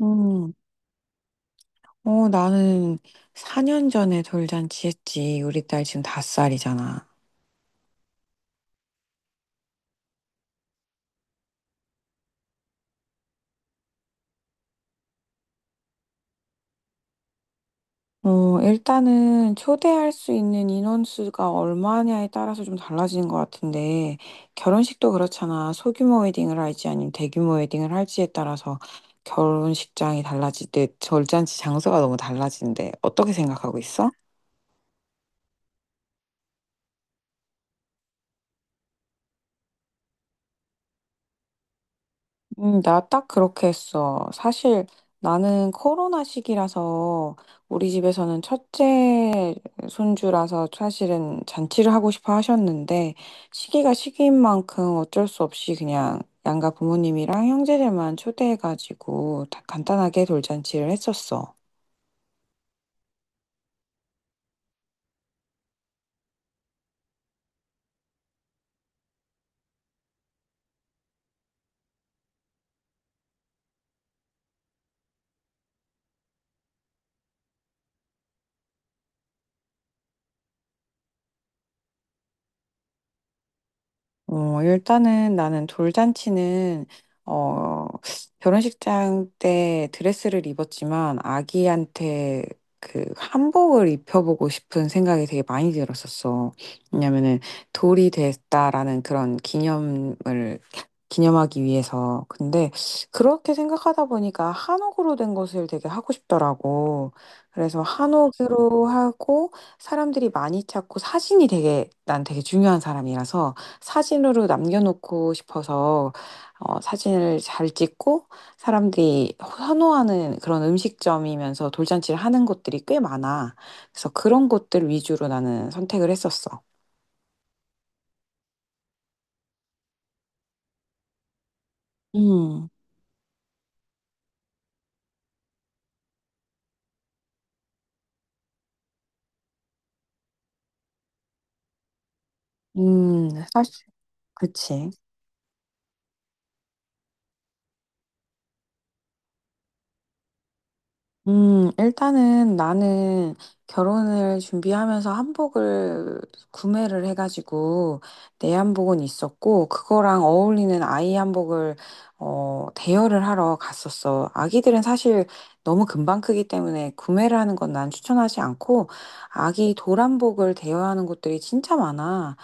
음, 나는 4년 전에 돌잔치 했지. 우리 딸 지금 5살이잖아. 일단은 초대할 수 있는 인원수가 얼마냐에 따라서 좀 달라지는 것 같은데, 결혼식도 그렇잖아. 소규모 웨딩을 할지 아니면 대규모 웨딩을 할지에 따라서 결혼식장이 달라지듯 돌잔치 장소가 너무 달라진데 어떻게 생각하고 있어? 나 딱 그렇게 했어. 사실 나는 코로나 시기라서 우리 집에서는 첫째 손주라서 사실은 잔치를 하고 싶어 하셨는데 시기가 시기인 만큼 어쩔 수 없이 그냥 양가 부모님이랑 형제들만 초대해가지고 다 간단하게 돌잔치를 했었어. 일단은 나는 돌잔치는, 어, 결혼식장 때 드레스를 입었지만 아기한테 그 한복을 입혀보고 싶은 생각이 되게 많이 들었었어. 왜냐면은 돌이 됐다라는 그런 기념을 기념하기 위해서. 근데 그렇게 생각하다 보니까 한옥으로 된 것을 되게 하고 싶더라고. 그래서 한옥으로 하고 사람들이 많이 찾고 사진이 되게 난 되게 중요한 사람이라서 사진으로 남겨놓고 싶어서 사진을 잘 찍고 사람들이 선호하는 그런 음식점이면서 돌잔치를 하는 곳들이 꽤 많아. 그래서 그런 곳들 위주로 나는 선택을 했었어. 음. 사실, 그치. 일단은 나는 결혼을 준비하면서 한복을 구매를 해가지고 내 한복은 있었고 그거랑 어울리는 아이 한복을 대여를 하러 갔었어. 아기들은 사실 너무 금방 크기 때문에 구매를 하는 건 난 추천하지 않고 아기 도란복을 대여하는 곳들이 진짜 많아.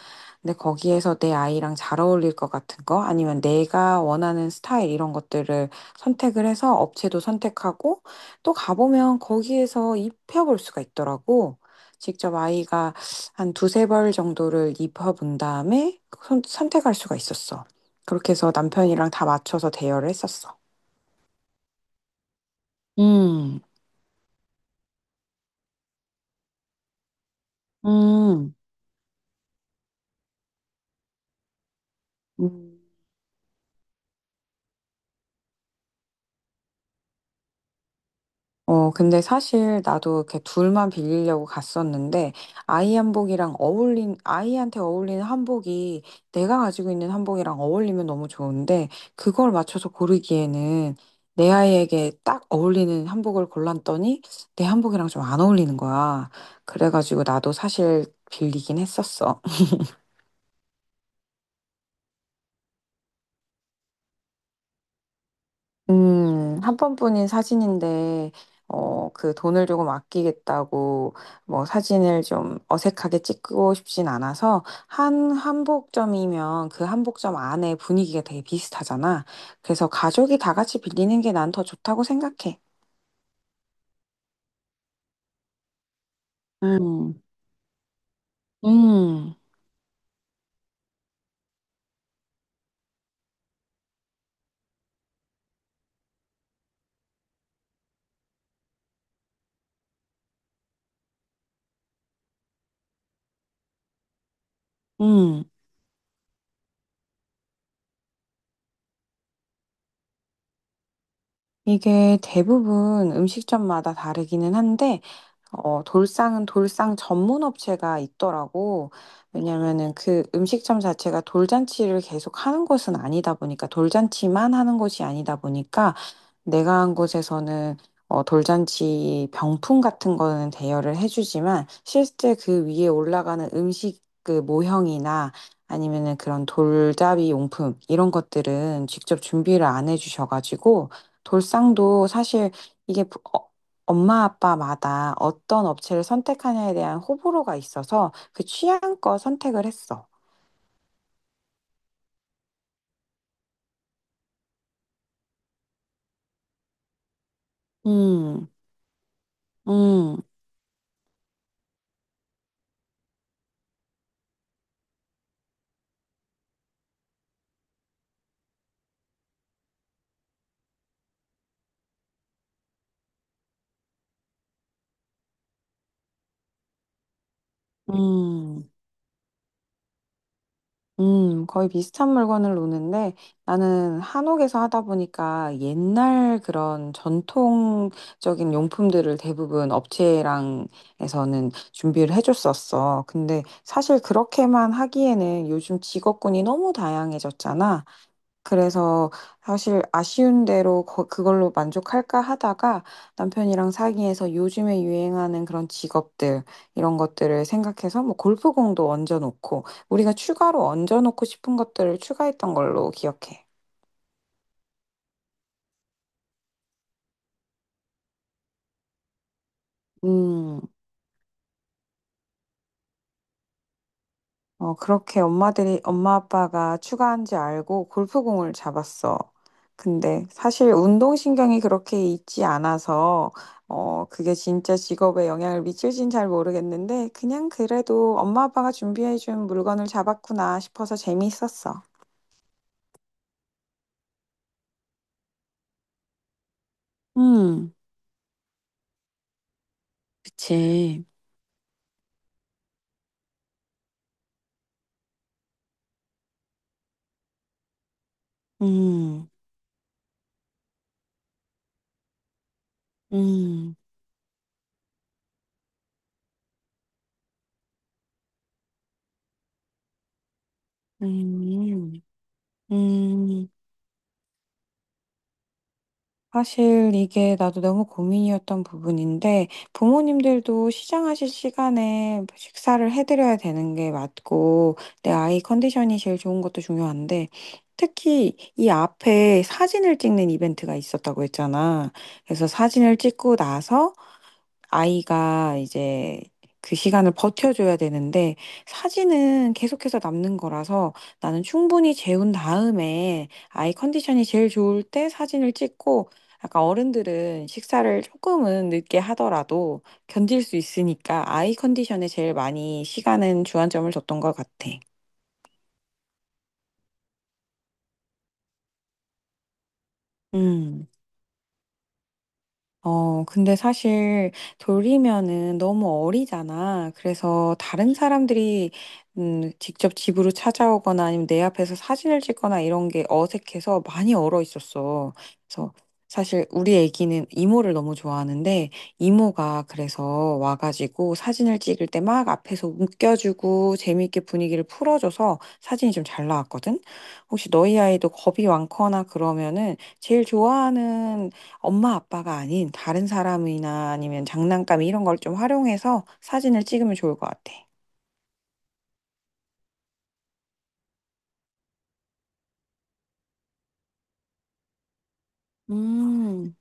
근데 거기에서 내 아이랑 잘 어울릴 것 같은 거 아니면 내가 원하는 스타일 이런 것들을 선택을 해서 업체도 선택하고 또 가보면 거기에서 입혀볼 수가 있더라고. 직접 아이가 한 두세 벌 정도를 입혀본 다음에 선택할 수가 있었어. 그렇게 해서 남편이랑 다 맞춰서 대여를 했었어. 음, 음. 음. 어 근데 사실 나도 이렇게 둘만 빌리려고 갔었는데 아이 한복이랑 어울린 아이한테 어울리는 한복이 내가 가지고 있는 한복이랑 어울리면 너무 좋은데 그걸 맞춰서 고르기에는 내 아이에게 딱 어울리는 한복을 골랐더니 내 한복이랑 좀 안 어울리는 거야. 그래가지고 나도 사실 빌리긴 했었어. 음. 한 번뿐인 사진인데 어 그 돈을 조금 아끼겠다고 뭐 사진을 좀 어색하게 찍고 싶진 않아서 한 한복점이면 그 한복점 안에 분위기가 되게 비슷하잖아. 그래서 '가족이 다 같이 빌리는 게 난 더 좋다.'고 생각해. 음. 음. 음. 이게 대부분 음식점마다 다르기는 한데 돌상은 돌상 전문 업체가 있더라고. 왜냐면은 그 음식점 자체가 돌잔치를 계속 하는 곳은 아니다 보니까, 돌잔치만 하는 곳이 아니다 보니까, 내가 한 곳에서는 돌잔치 병품 같은 거는 대여를 해주지만, 실제 그 위에 올라가는 음식 그 모형이나 아니면은 그런 돌잡이 용품, 이런 것들은 직접 준비를 안 해주셔가지고, 돌상도 사실 이게 엄마 아빠마다 어떤 업체를 선택하냐에 대한 호불호가 있어서 그 취향껏 선택을 했어. 음, 음, 음, 거의 비슷한 물건을 노는데 나는 한옥에서 하다 보니까 옛날 그런 전통적인 용품들을 대부분 업체랑에서는 준비를 해줬었어. 근데 사실 그렇게만 하기에는 요즘 직업군이 너무 다양해졌잖아. 그래서 사실 아쉬운 대로 그걸로 만족할까 하다가 남편이랑 상의해서 요즘에 유행하는 그런 직업들 이런 것들을 생각해서 뭐 골프공도 얹어놓고 우리가 추가로 얹어놓고 싶은 것들을 추가했던 걸로 기억해. 음. 그렇게 엄마 아빠가 추가한지 알고 골프공을 잡았어. 근데 사실 운동신경이 그렇게 있지 않아서, 그게 진짜 직업에 영향을 미칠진 잘 모르겠는데, 그냥 그래도 엄마 아빠가 준비해준 물건을 잡았구나 싶어서 재미있었어. 음, 그치. 음, 음, 음, 음. 사실 이게 나도 너무 고민이었던 부분인데 부모님들도 시장하실 시간에 식사를 해드려야 되는 게 맞고 내 아이 컨디션이 제일 좋은 것도 중요한데 특히 이 앞에 사진을 찍는 이벤트가 있었다고 했잖아. 그래서 사진을 찍고 나서 아이가 이제 그 시간을 버텨줘야 되는데 사진은 계속해서 남는 거라서 나는 충분히 재운 다음에 아이 컨디션이 제일 좋을 때 사진을 찍고 약간 어른들은 식사를 조금은 늦게 하더라도 견딜 수 있으니까 아이 컨디션에 제일 많이 시간은 주안점을 줬던 것 같아. 음. 근데 사실 돌리면은 너무 어리잖아. 그래서 다른 사람들이 직접 집으로 찾아오거나 아니면 내 앞에서 사진을 찍거나 이런 게 어색해서 많이 얼어 있었어. 그래서 사실 우리 애기는 이모를 너무 좋아하는데 이모가 그래서 와가지고 사진을 찍을 때 막 앞에서 웃겨주고 재미있게 분위기를 풀어줘서 사진이 좀 잘 나왔거든. 혹시 너희 아이도 겁이 많거나 그러면은 제일 좋아하는 엄마 아빠가 아닌 다른 사람이나 아니면 장난감 이런 걸 좀 활용해서 사진을 찍으면 좋을 것 같아. 음,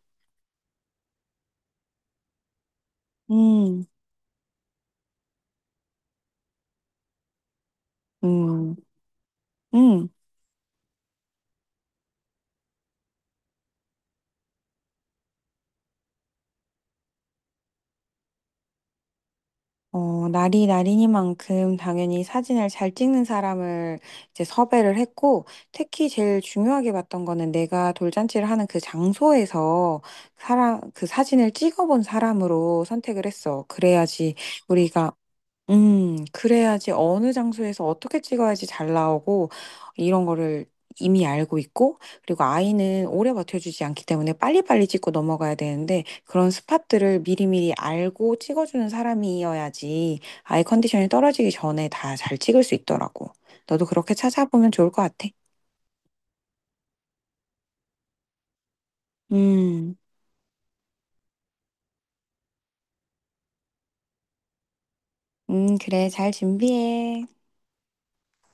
음, 음, 음. 날이 날이니만큼 당연히 사진을 잘 찍는 사람을 이제 섭외를 했고, 특히 제일 중요하게 봤던 거는 내가 돌잔치를 하는 그 장소에서 그 사진을 찍어본 사람으로 선택을 했어. 그래야지 우리가 그래야지 어느 장소에서 어떻게 찍어야지 잘 나오고 이런 거를 이미 알고 있고 그리고 아이는 오래 버텨주지 않기 때문에 빨리빨리 찍고 넘어가야 되는데 그런 스팟들을 미리미리 알고 찍어주는 사람이어야지 아이 컨디션이 떨어지기 전에 다 잘 찍을 수 있더라고. 너도 그렇게 찾아보면 좋을 것 같아. 음. 그래. 잘 준비해.